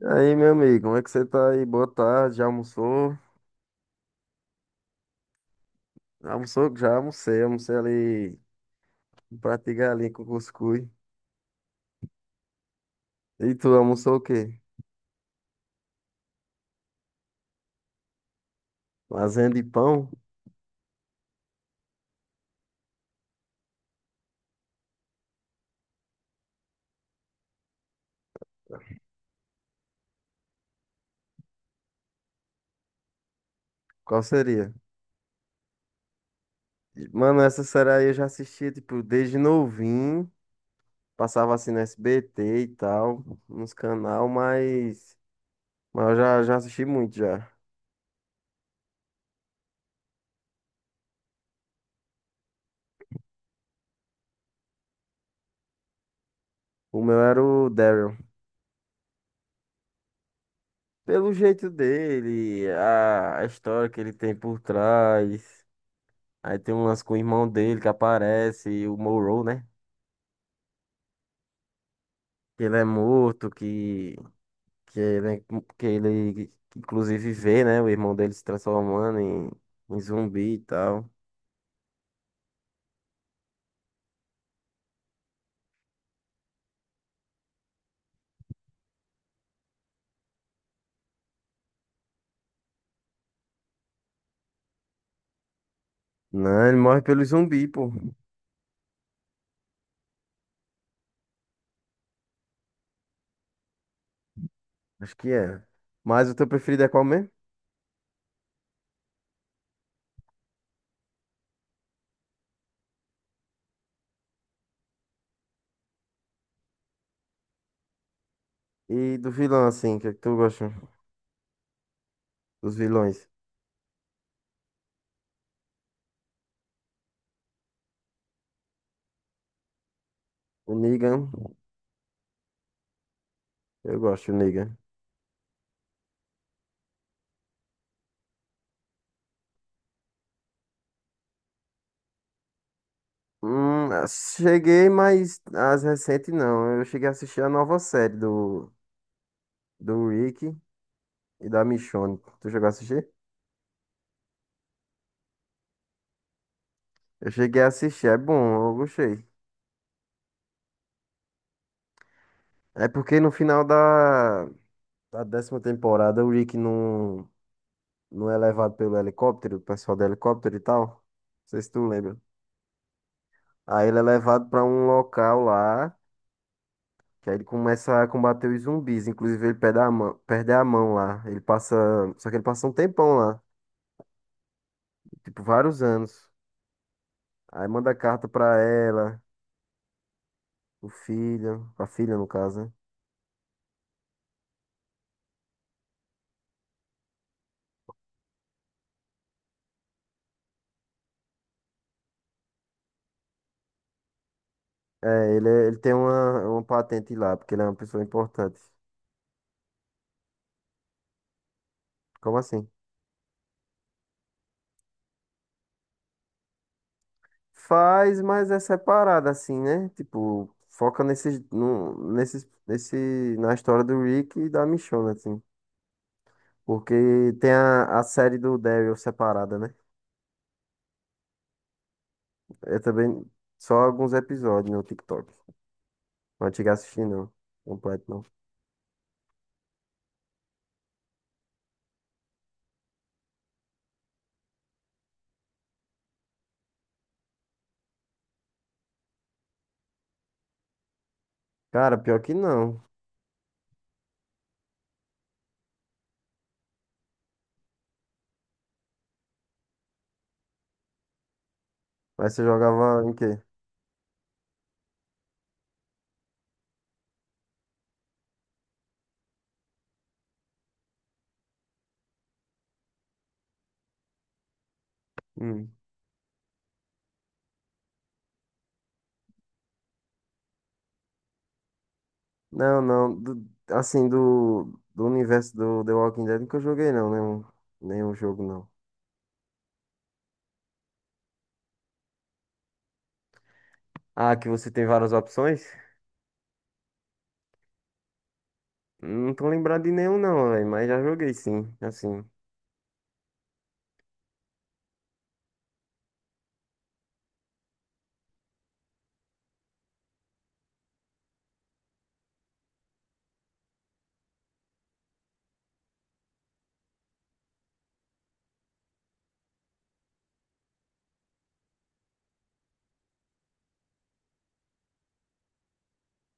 E aí, meu amigo, como é que você tá aí? Boa tarde, já almoçou? Almoçou? Já almocei, almocei ali um prato de galinha com cuscuz. E tu almoçou o quê? Lasanha de pão? Qual seria? Mano, essa série aí eu já assistia, tipo, desde novinho. Passava assim no SBT e tal, nos canal, mas... Mas eu já, assisti muito, já. O meu era o Daryl. Pelo jeito dele, a história que ele tem por trás... Aí tem umas com o irmão dele que aparece, o Monroe, né? Que ele é morto, que ele, é, que ele inclusive vê, né? O irmão dele se transformando em, em zumbi e tal. Não, ele morre pelo zumbi, pô. Acho que é. Mas o teu preferido é qual mesmo? E do vilão, assim, o que é que tu gosta dos vilões? O Negan, eu gosto do Negan. Cheguei, mas as recentes não. Eu cheguei a assistir a nova série do, do Rick e da Michonne. Tu chegou a assistir? Eu cheguei a assistir, é bom, eu gostei. É porque no final da, da décima temporada o Rick não, não é levado pelo helicóptero, o pessoal do helicóptero e tal. Não sei se tu lembra. Aí ele é levado pra um local lá, que aí ele começa a combater os zumbis. Inclusive ele perde a mão lá. Ele passa, só que ele passa um tempão lá, tipo vários anos. Aí manda carta pra ela, o filho, a filha no caso, né? É, ele, ele tem uma patente lá, porque ele é uma pessoa importante. Como assim? Faz, mas é separado, assim, né? Tipo, foca nesses, no, nesses, nesse, na história do Rick e da Michonne, assim. Porque tem a série do Daryl separada, né? É também só alguns episódios no TikTok. Não cheguei a assistir, não. Completo, não. Cara, pior que não. Mas você jogava em quê? Hum. Não, não. Assim, do, do universo do The Walking Dead nunca joguei, não. Nenhum, nenhum jogo, não. Ah, que você tem várias opções? Não tô lembrado de nenhum, não, velho. Mas já joguei sim, assim.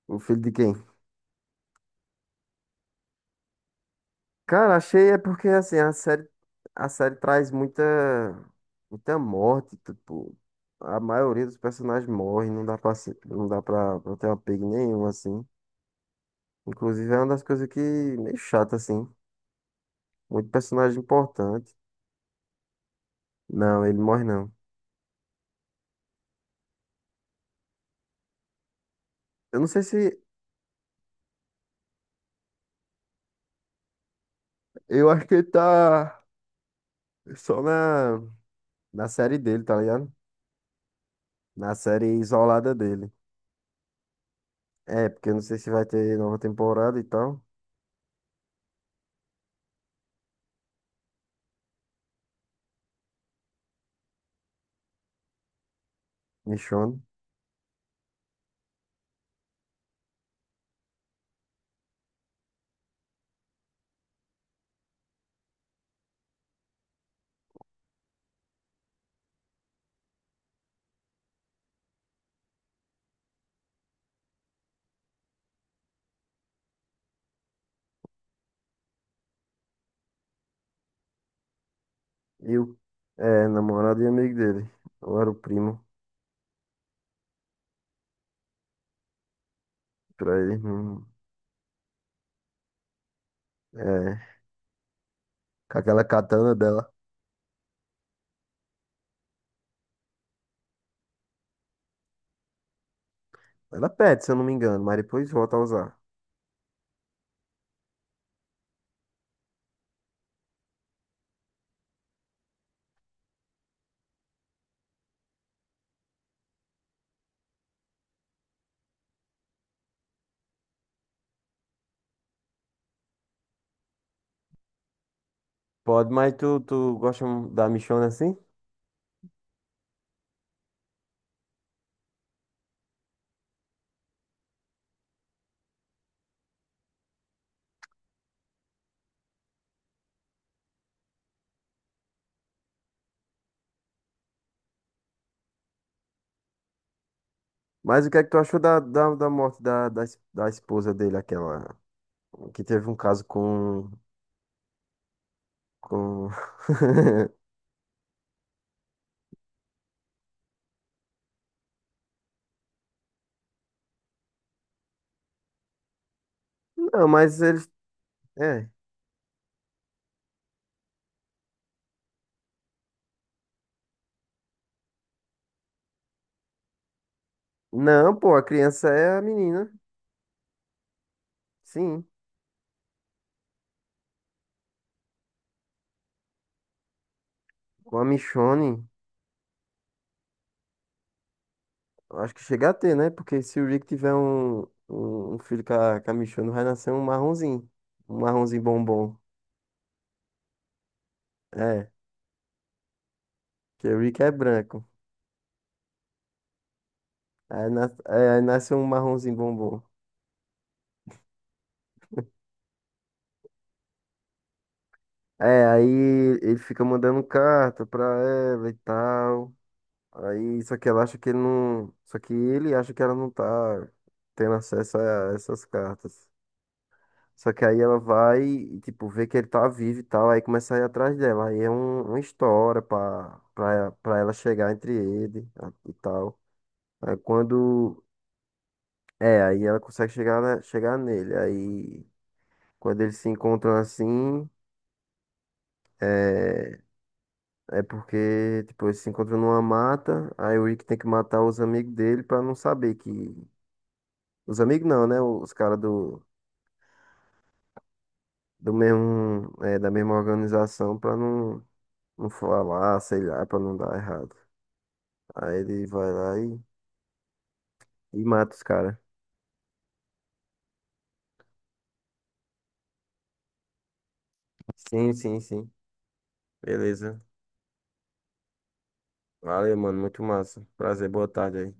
O filho de quem? Cara, achei é porque assim, a série traz muita, muita morte, tipo, a maioria dos personagens morre, não dá pra, não dá pra, pra ter apego nenhum, assim. Inclusive é uma das coisas que meio chata, assim. Muito personagem importante. Não, ele morre não. Eu não sei se. Eu acho que ele tá só na, na série dele, tá ligado? Na série isolada dele. É, porque eu não sei se vai ter nova temporada e tal. Michonne. E o é, namorado e amigo dele. Ou era o primo pra ele. Hum. É, com aquela katana dela. Ela perde, se eu não me engano, mas depois volta a usar. Pode, mas tu, tu gosta da Michonne assim? Mas o que é que tu achou da, da, da morte da, da, da esposa dele, aquela que teve um caso com... Não, mas eles... É. Não, pô, a criança é a menina. Sim, com a Michonne. Eu acho que chega a ter, né? Porque se o Rick tiver um, um, um filho com a Michonne, vai nascer um marronzinho. Um marronzinho bombom. É, porque o Rick é branco. Aí, nas, é, aí nasce um marronzinho bombom. É, aí ele fica mandando carta pra ela e tal. Aí, só que ela acha que ele não. Só que ele acha que ela não tá tendo acesso a essas cartas. Só que aí ela vai, e, tipo, vê que ele tá vivo e tal, aí começa a ir atrás dela. Aí é um, uma história pra, pra, pra ela chegar entre ele e tal. Aí quando. É, aí ela consegue chegar, chegar nele. Aí quando eles se encontram assim, é, é porque, tipo, eles se encontram numa mata. Aí o Rick tem que matar os amigos dele pra não saber que. Os amigos não, né? Os caras do, do mesmo, é, da mesma organização pra não. Não falar, sei lá, pra não dar errado. Aí ele vai lá e mata os caras. Sim, sim, sim. Beleza. Valeu, mano. Muito massa. Prazer, boa tarde aí.